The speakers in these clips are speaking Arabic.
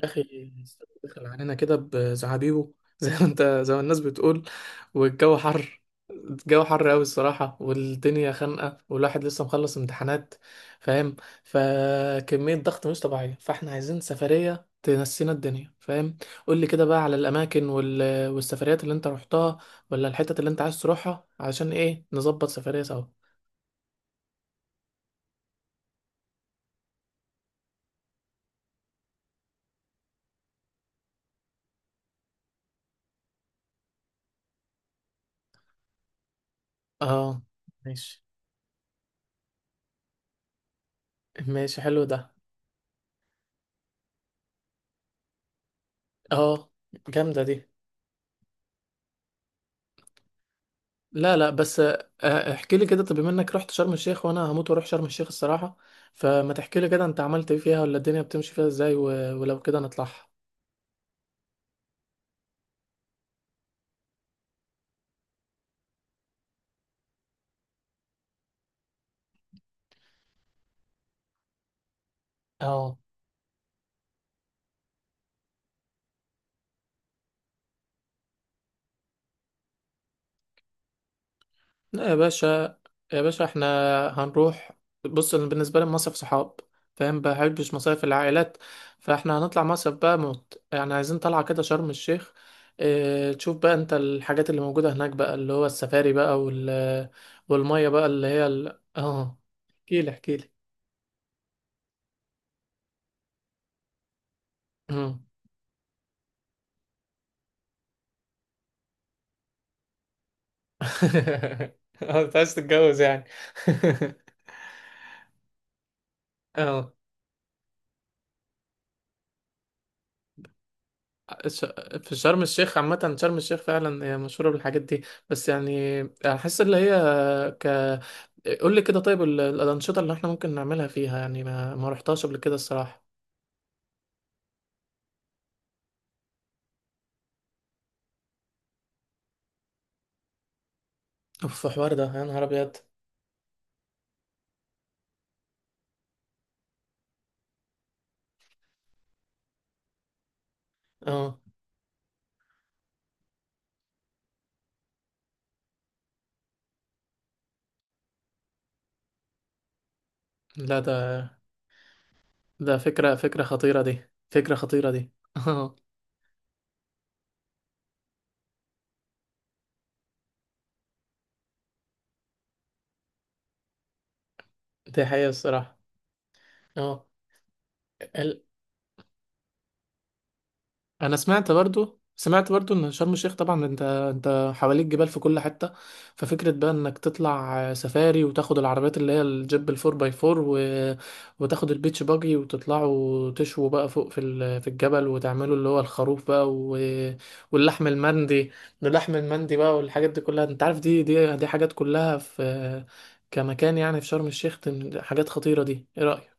يا اخي دخل علينا كده بزعابيبه زي ما انت زي ما الناس بتقول والجو حر. الجو حر قوي الصراحه والدنيا خانقه والواحد لسه مخلص امتحانات، فاهم؟ فكميه ضغط مش طبيعيه، فاحنا عايزين سفريه تنسينا الدنيا، فاهم؟ قول لي كده بقى على الاماكن والسفريات اللي انت رحتها، ولا الحتت اللي انت عايز تروحها، علشان ايه نظبط سفريه سوا. اه ماشي. ماشي حلو ده. اه جامده دي. لا لا بس احكي لي كده. طب بما انك رحت شرم الشيخ، وانا هموت واروح شرم الشيخ الصراحة، فما تحكي لي كده انت عملت ايه فيها، ولا الدنيا بتمشي فيها ازاي، ولو كده نطلعها. اه لا يا باشا، يا باشا احنا هنروح. بص، أنا بالنسبة لي المصيف صحاب، فاهم؟ بحبش مصايف العائلات، فاحنا هنطلع مصيف بقى موت، يعني عايزين طلعة كده شرم الشيخ. اه تشوف بقى انت الحاجات اللي موجودة هناك بقى، اللي هو السفاري بقى وال، والمية بقى اللي هي اه احكيلي احكيلي. اه انت عايز تتجوز يعني. اه الش- في شرم الشيخ عامة، شرم الشيخ فعلا هي مشهورة بالحاجات دي، بس يعني أحس اللي هي ك، قول لي كده طيب الأنشطة اللي احنا ممكن نعملها فيها، يعني ما رحتهاش قبل كده الصراحة. اوف الحوار ده، يا نهار أبيض. اه لا ده، ده فكرة، فكرة خطيرة دي. اه دي حقيقة الصراحة. اه انا سمعت برضو، سمعت برضو ان شرم الشيخ طبعا انت حواليك جبال في كل حته. ففكره بقى انك تطلع سفاري وتاخد العربيات اللي هي الجيب الفور باي فور و، وتاخد البيتش باجي وتطلعوا تشووا بقى فوق في الجبل، وتعملوا اللي هو الخروف بقى و، واللحم المندي. اللحم المندي بقى والحاجات دي كلها انت عارف، دي حاجات كلها في كمكان يعني في شرم الشيخ. حاجات خطيره دي، ايه رايك؟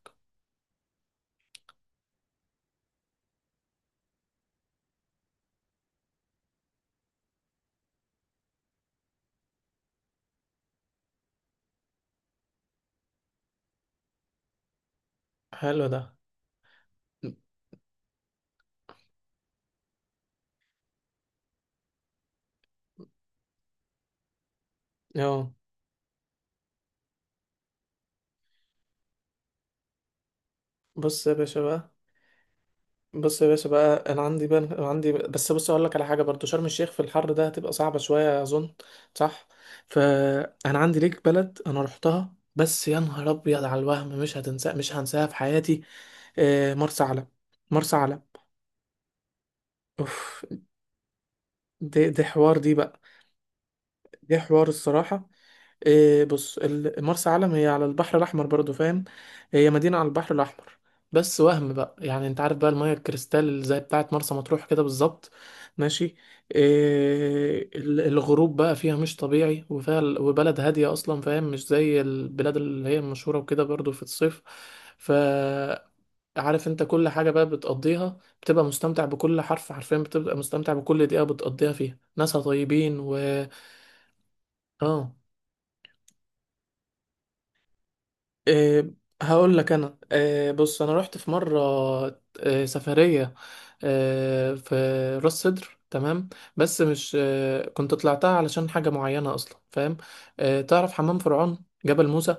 حلو ده. اه بص يا باشا بقى، بص يا باشا بقى انا عندي بقى، عندي بس بص اقول لك على حاجه برضو، شرم الشيخ في الحر ده هتبقى صعبه شويه اظن، صح؟ فانا عندي ليك بلد انا رحتها، بس يا نهار ابيض على الوهم، مش هنساها في حياتي. مرسى علم. مرسى علم. اوف دي حوار دي بقى. دي حوار الصراحه. إيه بص، مرسى علم هي على البحر الأحمر برضو، فاهم؟ هي مدينة على البحر الأحمر. بس وهم بقى، يعني انت عارف بقى المية الكريستال زي بتاعة مرسى مطروح كده بالظبط، ماشي؟ إيه الغروب بقى فيها مش طبيعي، وفيها وبلد هادية أصلا، فاهم؟ مش زي البلاد اللي هي المشهورة وكده برضو في الصيف. ف، عارف انت كل حاجة بقى بتقضيها بتبقى مستمتع بكل حرف، حرفيا بتبقى مستمتع بكل دقيقة بتقضيها فيها، ناسها طيبين و، اه إيه هقول لك انا، إيه بص انا رحت في مره، إيه سفريه، إيه في راس سدر، تمام؟ بس مش إيه، كنت طلعتها علشان حاجه معينه اصلا، فاهم؟ إيه تعرف حمام فرعون، جبل موسى؟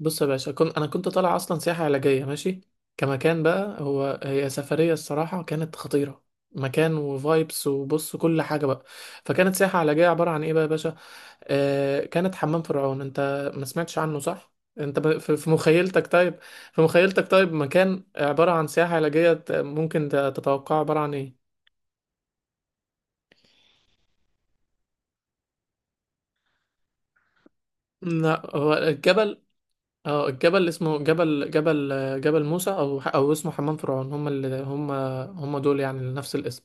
بص يا باشا، كنت انا كنت طالع اصلا سياحه علاجيه، ماشي؟ كمكان بقى، هو هي سفريه الصراحه كانت خطيره. مكان وفايبس وبص كل حاجه بقى. فكانت سياحه علاجيه عباره عن ايه بقى يا باشا؟ كانت حمام فرعون. انت ما سمعتش عنه، صح؟ في مخيلتك، طيب في مخيلتك طيب، مكان عبارة عن سياحة علاجية، ممكن تتوقع عبارة عن ايه؟ لا هو الجبل. اه الجبل اسمه جبل، جبل موسى، او اسمه حمام فرعون، هم اللي هم، هم دول يعني نفس الاسم.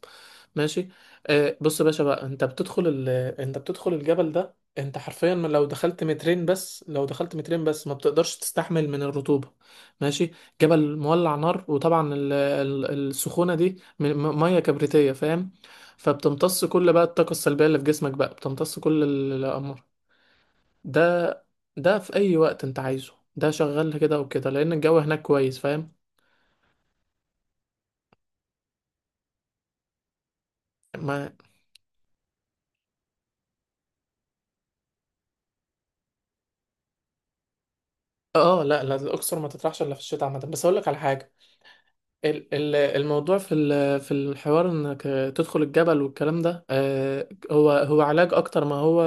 ماشي. آه بص يا باشا بقى، انت بتدخل الجبل ده، انت حرفيا لو دخلت مترين بس، لو دخلت مترين بس ما بتقدرش تستحمل من الرطوبة، ماشي؟ جبل مولع نار، وطبعا السخونة دي مية كبريتية، فاهم؟ فبتمتص كل بقى الطاقة السلبية اللي في جسمك بقى، بتمتص كل الأمر. ده ده في اي وقت انت عايزه، ده شغال كده وكده لان الجو هناك كويس، فاهم؟ ما اه، لا لا الاقصر ما تطرحش الا في الشتاء عامه، بس اقول لك على حاجه. الموضوع في في الحوار انك تدخل الجبل والكلام ده، هو هو علاج اكتر ما هو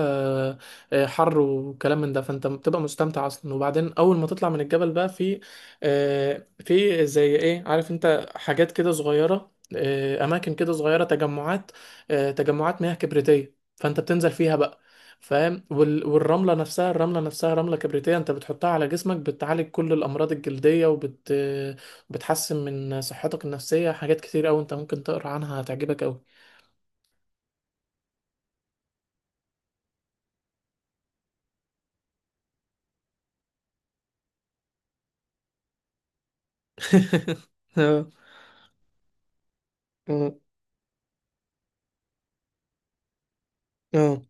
حر وكلام من ده. فانت بتبقى مستمتع اصلا، وبعدين اول ما تطلع من الجبل بقى في في زي ايه، عارف انت حاجات كده صغيرة، اماكن كده صغيرة، تجمعات، تجمعات مياه كبريتية، فانت بتنزل فيها بقى، فاهم؟ والرملة نفسها، الرملة نفسها رملة كبريتية، انت بتحطها على جسمك بتعالج كل الامراض الجلدية، وبت بتحسن من صحتك النفسية، حاجات كتير أوي أنت ممكن تقرأ عنها، هتعجبك أوي. اه اه. آه.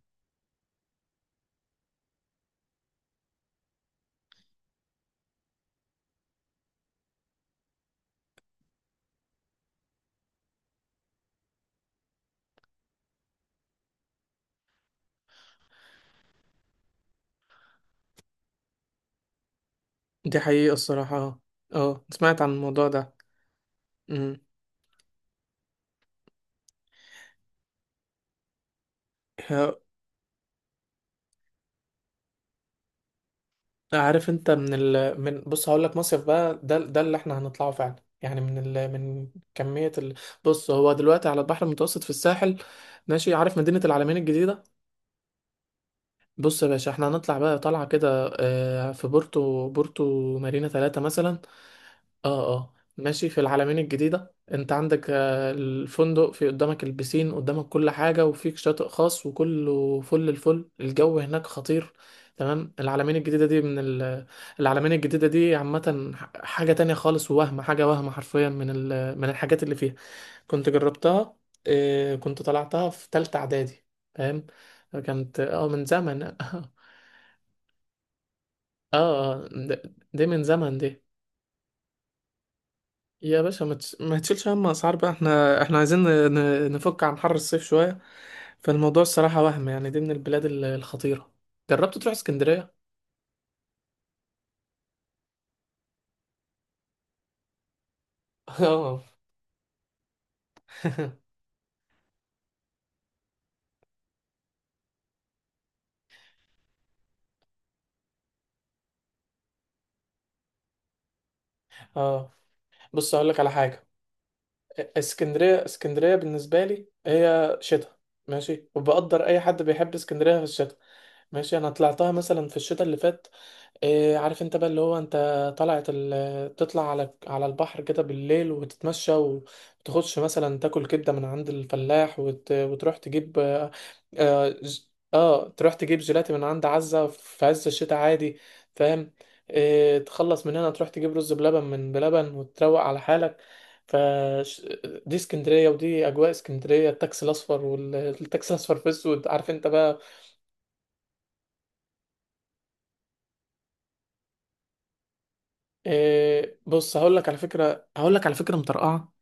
دي حقيقة الصراحة. اه آه. سمعت عن الموضوع ده. أمم. آه. عارف أنت من ال من، بص هقول لك، مصيف بقى ده ده اللي احنا هنطلعه فعلا، يعني من ال من، كمية ال، بص هو دلوقتي على البحر المتوسط في الساحل، ماشي؟ عارف مدينة العلمين الجديدة؟ بص يا باشا، احنا هنطلع بقى طلعة كده في بورتو، بورتو مارينا 3 مثلا. اه اه ماشي، في العلمين الجديدة انت عندك الفندق في قدامك، البسين قدامك، كل حاجة وفيك شاطئ خاص، وكله فل الفل، الجو هناك خطير. تمام. العلمين الجديدة دي من العلمين الجديدة دي عامة حاجة تانية خالص، ووهم، حاجة وهم حرفيا، من من الحاجات اللي فيها. كنت جربتها كنت طلعتها في تالتة إعدادي، فاهم؟ كانت اه من زمن. اه اه ده من زمن دي. يا باشا ما تشيلش هم اسعار بقى، احنا، احنا عايزين نفك عن حر الصيف شوية، فالموضوع الصراحة وهم، يعني دي من البلاد الخطيرة. جربت تروح اسكندرية؟ اه. اه بص اقول لك على حاجة، اسكندرية، اسكندرية بالنسبة لي هي شتاء، ماشي؟ وبقدر اي حد بيحب اسكندرية في الشتاء، ماشي؟ انا طلعتها مثلا في الشتاء اللي فات. إيه عارف انت بقى اللي هو، انت طلعت تطلع على البحر كده بالليل وتتمشى، وتاخدش مثلا تاكل كبدة من عند الفلاح، وتروح تجيب اه، آه آه، تروح تجيب جيلاتي من عند عزة في عز الشتاء عادي، فاهم؟ إيه تخلص من هنا تروح تجيب رز بلبن من بلبن وتروق على حالك. ف، ش-، دي اسكندرية، ودي أجواء اسكندرية، التاكسي الأصفر، والتاكسي الأصفر في أسود، عارف انت بقى. إيه بص هقول لك على فكرة، هقول لك على فكرة مطرقعة،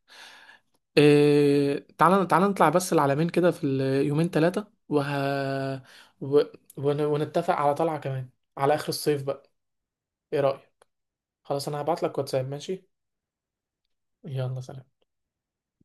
إيه تعالى تعالى نطلع بس العلمين كده في اليومين 3 و... ونتفق على طلعة كمان على آخر الصيف بقى، ايه رأيك؟ خلاص، انا هبعت لك واتساب، ماشي؟ يلا سلام.